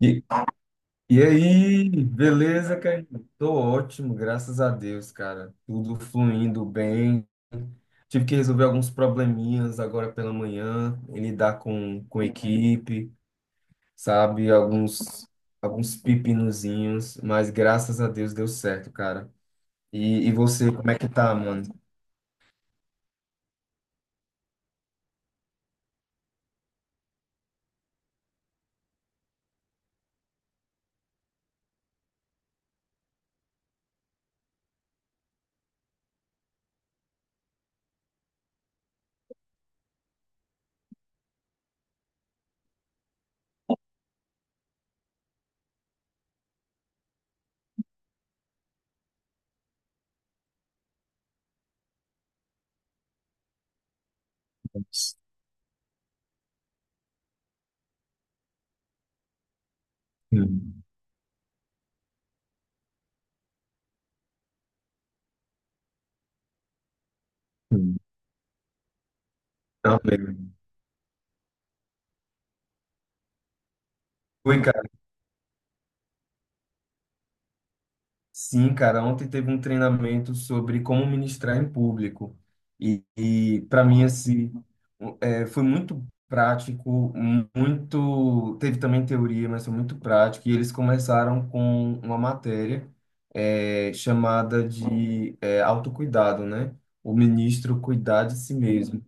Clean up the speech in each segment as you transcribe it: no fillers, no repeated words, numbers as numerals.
E, e aí, beleza, cara? Tô ótimo, graças a Deus, cara. Tudo fluindo bem. Tive que resolver alguns probleminhas agora pela manhã, em lidar com equipe, sabe? Alguns pepinozinhos, mas graças a Deus deu certo, cara. E você, como é que tá, mano? Sim, sim. Também. Sim, cara, ontem teve um treinamento sobre como ministrar em público. E para mim, assim, foi muito prático, muito. Teve também teoria, mas foi muito prático. E eles começaram com uma matéria chamada de autocuidado, né? O ministro cuidar de si mesmo.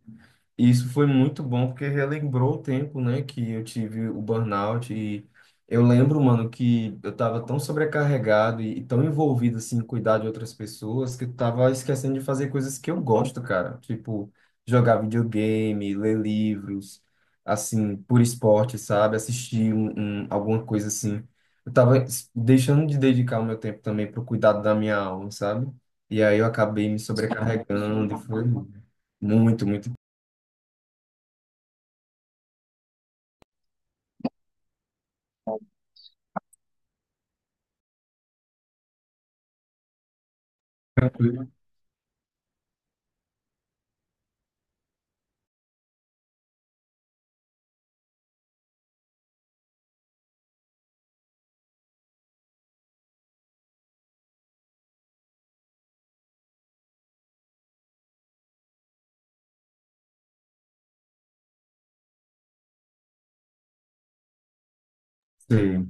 E isso foi muito bom porque relembrou o tempo, né, que eu tive o burnout e eu lembro, mano, que eu tava tão sobrecarregado e tão envolvido assim em cuidar de outras pessoas que eu tava esquecendo de fazer coisas que eu gosto, cara, tipo jogar videogame, ler livros, assim, por esporte, sabe, assistir alguma coisa assim. Eu tava deixando de dedicar o meu tempo também pro cuidado da minha alma, sabe? E aí eu acabei me sobrecarregando e foi muito, muito. Tranquilo. Sim.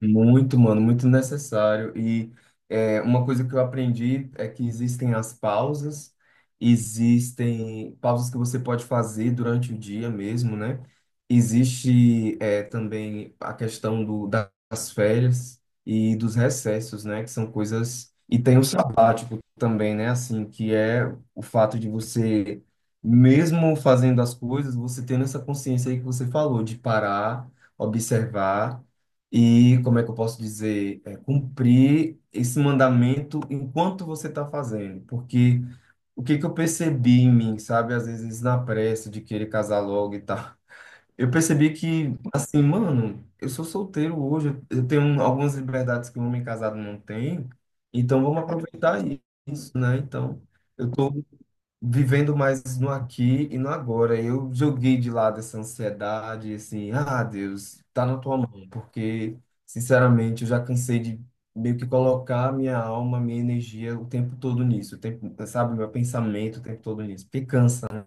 Muito, mano, muito necessário. E é uma coisa que eu aprendi: é que existem as pausas, existem pausas que você pode fazer durante o dia mesmo, né? Existe também a questão das férias e dos recessos, né? Que são coisas. E tem o sabático também, né? Assim, que é o fato de você, mesmo fazendo as coisas, você tendo essa consciência aí que você falou, de parar, observar e, como é que eu posso dizer, cumprir esse mandamento enquanto você está fazendo. Porque o que que eu percebi em mim, sabe, às vezes na pressa de querer casar logo e tal, eu percebi que, assim, mano, eu sou solteiro hoje, eu tenho algumas liberdades que um homem casado não tem, então vamos aproveitar isso, né? Então, eu tô vivendo mais no aqui e no agora. Eu joguei de lado essa ansiedade, assim, ah, Deus, tá na tua mão, porque, sinceramente, eu já cansei de meio que colocar minha alma, minha energia o tempo todo nisso, o tempo, sabe, meu pensamento o tempo todo nisso, porque cansa, né?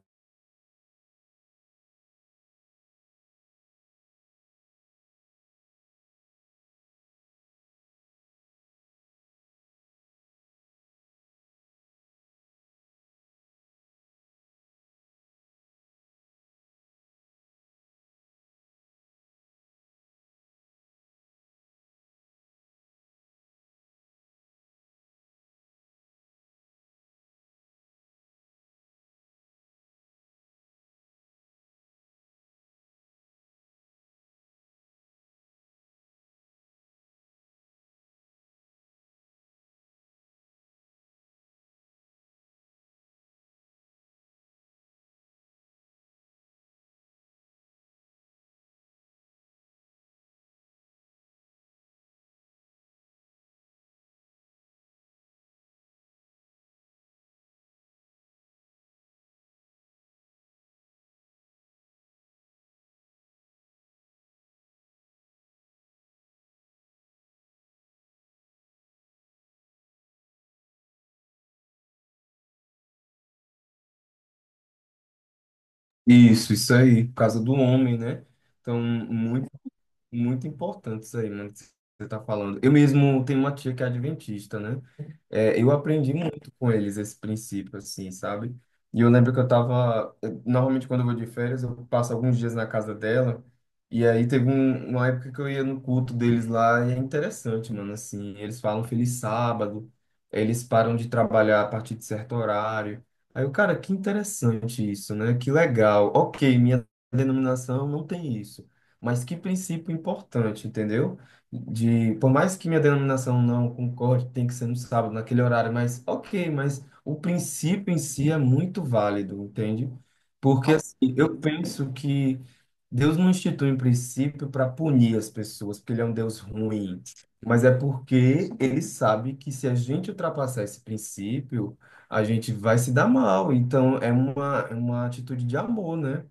Isso aí, por causa do homem, né? Então, muito, muito importante isso aí, mano, que você tá falando. Eu mesmo tenho uma tia que é adventista, né? Eu aprendi muito com eles esse princípio, assim, sabe? E eu lembro que normalmente, quando eu vou de férias, eu passo alguns dias na casa dela. E aí teve uma época que eu ia no culto deles lá. E é interessante, mano. Assim, eles falam feliz sábado. Eles param de trabalhar a partir de certo horário. Aí eu, cara, que interessante isso, né? Que legal. Ok, minha denominação não tem isso. Mas que princípio importante, entendeu? Por mais que minha denominação não concorde, tem que ser no sábado, naquele horário, mas ok, mas o princípio em si é muito válido, entende? Porque assim, eu penso que Deus não institui um princípio para punir as pessoas, porque ele é um Deus ruim, mas é porque ele sabe que se a gente ultrapassar esse princípio, a gente vai se dar mal. Então é uma atitude de amor, né?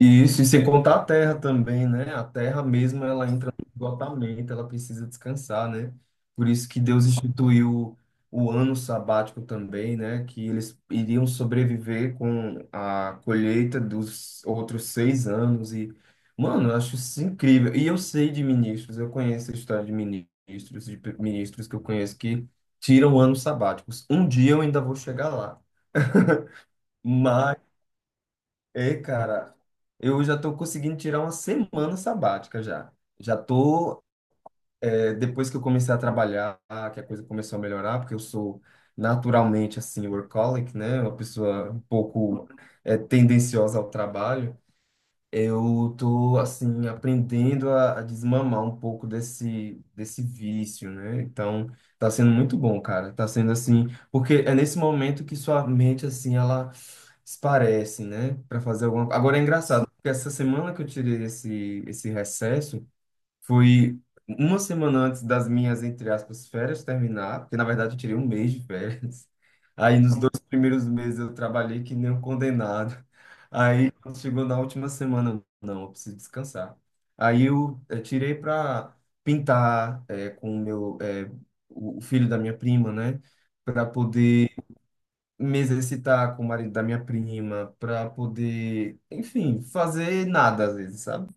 E isso, e sem contar a terra também, né? A terra mesmo, ela entra no esgotamento, ela precisa descansar, né? Por isso que Deus instituiu o ano sabático também, né? Que eles iriam sobreviver com a colheita dos outros 6 anos. E, mano, eu acho isso incrível. E eu sei de ministros, eu conheço a história de ministros, ministros que eu conheço que tiram anos sabáticos. Um dia eu ainda vou chegar lá. Mas cara, eu já tô conseguindo tirar uma semana sabática já. Já estou, depois que eu comecei a trabalhar, que a coisa começou a melhorar, porque eu sou naturalmente, assim, workaholic, né? Uma pessoa um pouco tendenciosa ao trabalho. Eu tô assim aprendendo a desmamar um pouco desse vício, né? Então, tá sendo muito bom, cara. Tá sendo assim, porque é nesse momento que sua mente assim ela esparece, né, para fazer alguma. Agora é engraçado, porque essa semana que eu tirei esse recesso, fui uma semana antes das minhas, entre aspas, férias terminar, porque na verdade eu tirei um mês de férias. Aí nos 2 primeiros meses eu trabalhei que nem um condenado. Aí quando chegou na última semana, não, eu preciso descansar. Aí eu, tirei para pintar, com o filho da minha prima, né? Para poder me exercitar com o marido da minha prima, para poder, enfim, fazer nada às vezes, sabe?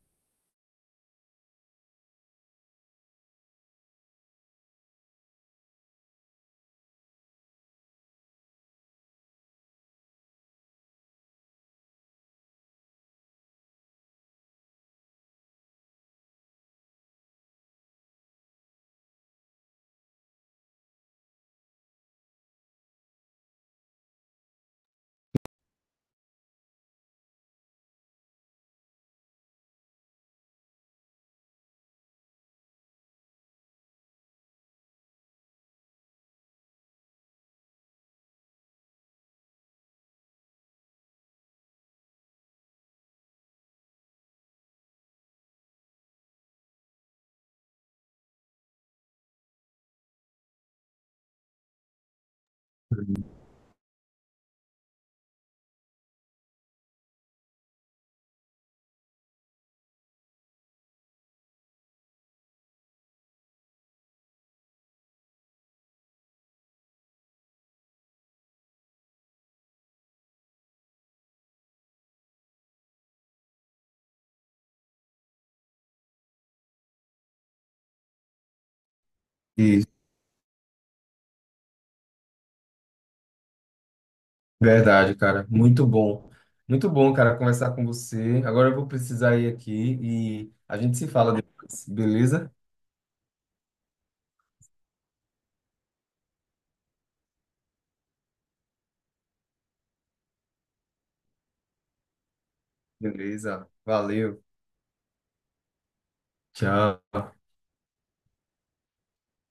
Verdade, cara. Muito bom. Muito bom, cara, conversar com você. Agora eu vou precisar ir aqui e a gente se fala depois, beleza? Beleza. Valeu. Tchau.